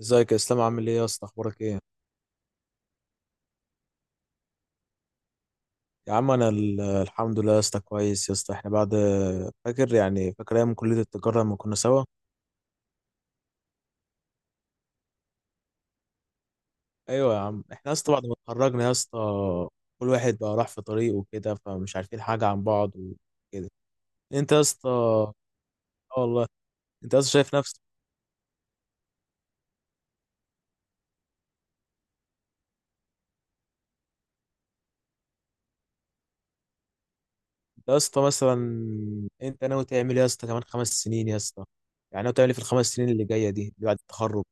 ازيك يا اسلام؟ عامل ايه يا اسطى؟ اخبارك ايه؟ يا عم انا الحمد لله يا اسطى، كويس يا اسطى. احنا بعد فاكر، يعني ايام كلية التجارة لما كنا سوا. ايوه يا عم، احنا يا اسطى بعد ما اتخرجنا يا اسطى كل واحد بقى راح في طريقه وكده، فمش عارفين حاجة عن بعض وكده. انت يا اسطى اه. والله. انت يا اسطى شايف نفسك؟ انت يا اسطى مثلا انت ناوي تعمل ايه يا اسطى كمان 5 سنين يا اسطى؟ يعني ناوي تعمل ايه في ال 5 سنين اللي جايه دي اللي بعد التخرج؟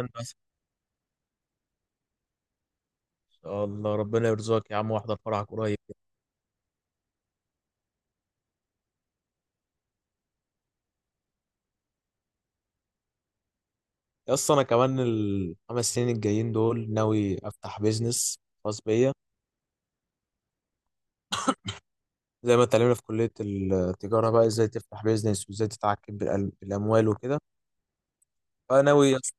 انت يا اسطى، ان شاء الله ربنا يرزقك يا عم واحضر فرحك قريب. يا اسطى انا كمان ال 5 سنين الجايين دول ناوي افتح بيزنس خاص بيا، زي ما اتعلمنا في كليه التجاره بقى ازاي تفتح بيزنس وازاي تتحكم بالاموال وكده. فناوي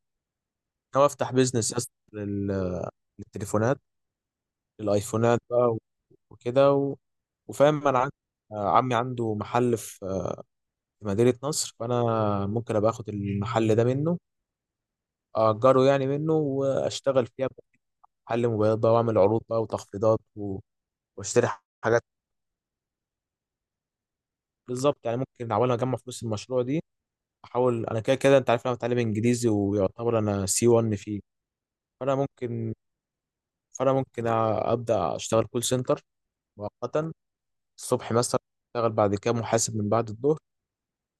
ناوي افتح بيزنس يا اسطى للتليفونات، للايفونات بقى وكده وفاهم انا عندي، عمي عنده محل في في مدينه نصر. فانا ممكن ابقى اخد المحل ده منه، اجره يعني منه، واشتغل فيه أبقى محل موبايلات بقى، واعمل عروض بقى وتخفيضات واشتري. بالظبط، يعني ممكن احاول اجمع فلوس المشروع دي. احاول انا كده كده، انت عارف انا بتعلم انجليزي ويعتبر انا سي C1 فيه. فانا ممكن فانا ممكن أ- ابدا اشتغل كول سنتر مؤقتا، الصبح مثلا، اشتغل بعد كده محاسب من بعد الظهر.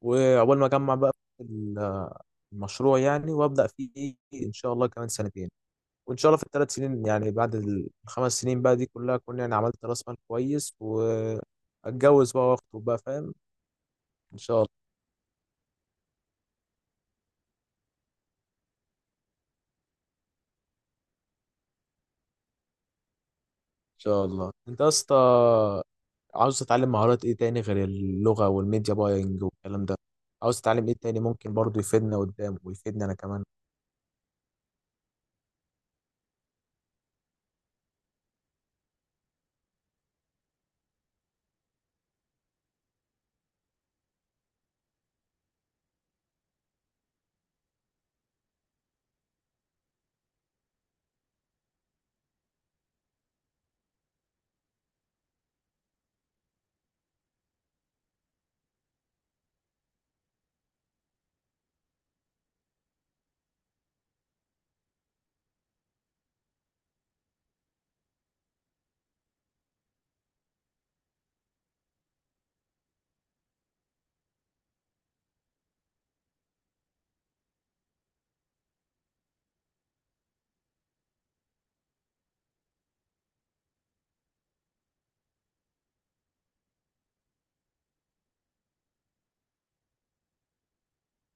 واول ما اجمع بقى ال- المشروع يعني، وابدا فيه ان شاء الله كمان سنتين. وان شاء الله في ال 3 سنين يعني بعد ال 5 سنين بقى دي كلها، اكون يعني عملت راس مال كويس واتجوز بقى واخطب بقى، فاهم؟ ان شاء الله. انت يا اسطى عاوز تتعلم مهارات ايه تاني غير اللغة والميديا باينج والكلام ده؟ عاوز تتعلم ايه تاني ممكن برضو يفيدنا قدام ويفيدنا انا كمان؟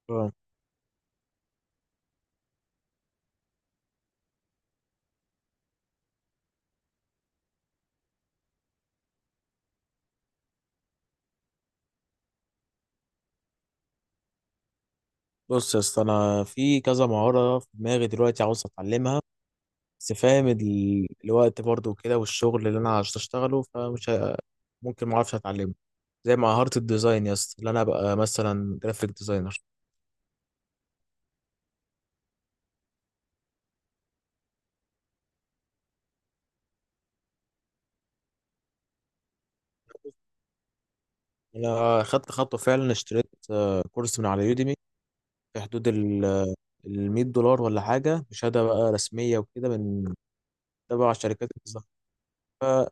آه. بص يا اسطى انا في كذا مهارة في دماغي دلوقتي عاوز اتعلمها، بس فاهم الوقت برضو وكده والشغل اللي انا عاوز اشتغله، ممكن ما اعرفش اتعلمه. زي مهارة الديزاين يا اسطى، اللي انا ابقى مثلا جرافيك ديزاينر. انا خدت خطوة فعلا، اشتريت كورس من على يوديمي في حدود ال $100 ولا حاجة، بشهادة بقى رسمية وكده، من تبع الشركات الزهراء.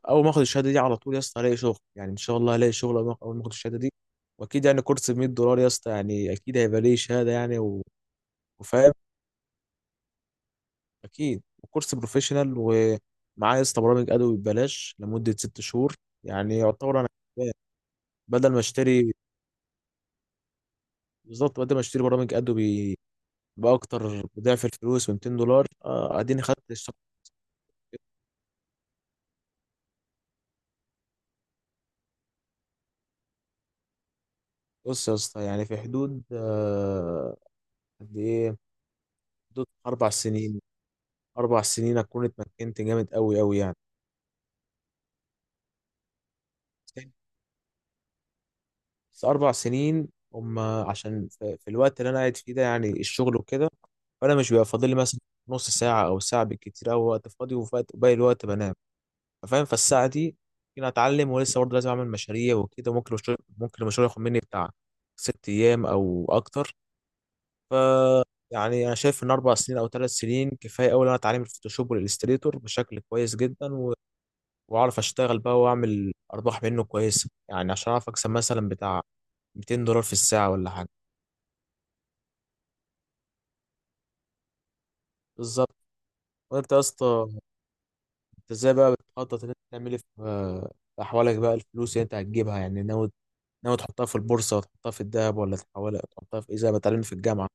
اول ما اخد الشهاده دي على طول يا اسطى هلاقي شغل، يعني ان شاء الله هلاقي شغل اول ما أول ما اخد الشهاده دي. واكيد يعني كورس ب $100 يا اسطى، يعني اكيد هيبقى ليه شهاده يعني وفاهم. اكيد، وكورس بروفيشنال ومعاه يا اسطى برامج ادوي ببلاش لمده 6 شهور. يعني يعتبر انا كسبان. بدل ما اشتري، بالظبط، بدل ما اشتري برامج ادوبي باكتر بضعف الفلوس ب $200، اديني خدت الشهر. بص يا اسطى يعني في حدود قد ايه، حدود اربع سنين. اربع سنين اكون اتمكنت جامد قوي قوي يعني. بس 4 سنين هم، عشان في الوقت اللي انا قاعد فيه ده يعني الشغل وكده، فانا مش بيبقى فاضل لي مثلا نص ساعه او ساعه بالكتير او وقت فاضي، وباقي الوقت بنام، فاهم؟ فالساعه دي ممكن اتعلم، ولسه برضه لازم اعمل مشاريع وكده. ممكن الشغل، ممكن المشروع ياخد مني بتاع 6 ايام او اكتر. فيعني انا شايف ان 4 سنين او 3 سنين كفايه قوي ان انا اتعلم الفوتوشوب والاستريتور بشكل كويس جدا، واعرف اشتغل بقى واعمل ارباح منه كويسه يعني، عشان اعرف اكسب مثلا بتاع $200 في الساعه ولا حاجه. بالظبط. وانت يا اسطى، انت ازاي بقى بتخطط ان انت تعمل ايه في في احوالك بقى؟ الفلوس اللي انت هتجيبها يعني، ناوي تحطها في البورصه وتحطها في الذهب، ولا تحولها تحطها في ايه، زي ما اتعلمنا في الجامعه؟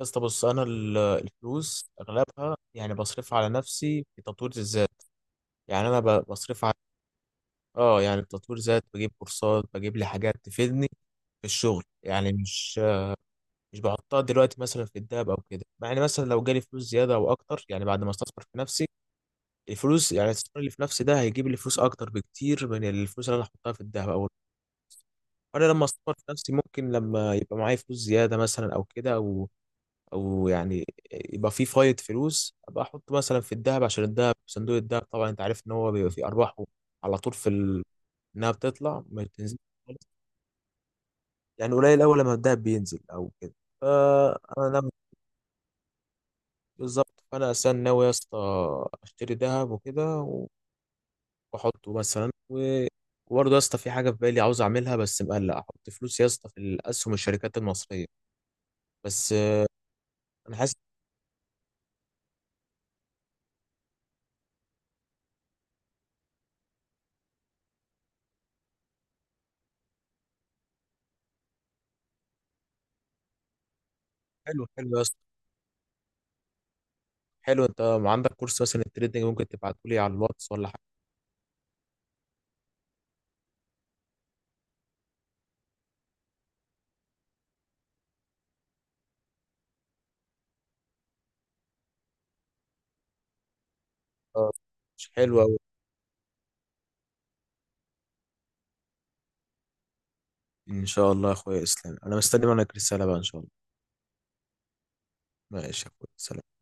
يا اسطى بص انا الفلوس اغلبها يعني بصرفها على نفسي في تطوير الذات. يعني انا بصرفها على، اه، يعني تطوير ذات، بجيب كورسات، بجيب لي حاجات تفيدني في الشغل يعني. مش بحطها دلوقتي مثلا في الدهب او كده، مع ان مثلا لو جالي فلوس زياده او اكتر يعني بعد ما استثمر في نفسي، الفلوس يعني الاستثمار اللي في نفسي ده هيجيب لي فلوس اكتر بكتير من الفلوس اللي انا هحطها في الدهب او، انا لما استثمر في نفسي ممكن لما يبقى معايا فلوس زياده مثلا او كده، او او يعني يبقى في فايض فلوس، ابقى احط مثلا في الدهب، عشان الدهب، صندوق الدهب طبعا انت عارف ان هو بيبقى فيه ارباحه على طول في ال انها بتطلع ما بتنزلش خالص. يعني قليل اول لما الدهب بينزل او كده. فانا، بالظبط، فانا اصلا ناوي يا اسطى اشتري ذهب وكده واحطه مثلا وبرضه يا اسطى في حاجه في بالي عاوز اعملها، بس مقلق احط فلوس يا اسطى في الاسهم الشركات المصريه. بس آه، انا حاسس. حلو حلو يا اسطى، حلو. انت عندك كورس مثلا التريدنج ممكن تبعته لي على الواتس ولا حاجه؟ آه، مش حلو قوي. ان شاء الله يا اخويا اسلام انا مستني منك رساله بقى ان شاء الله. ماشي يا اخويا، سلام.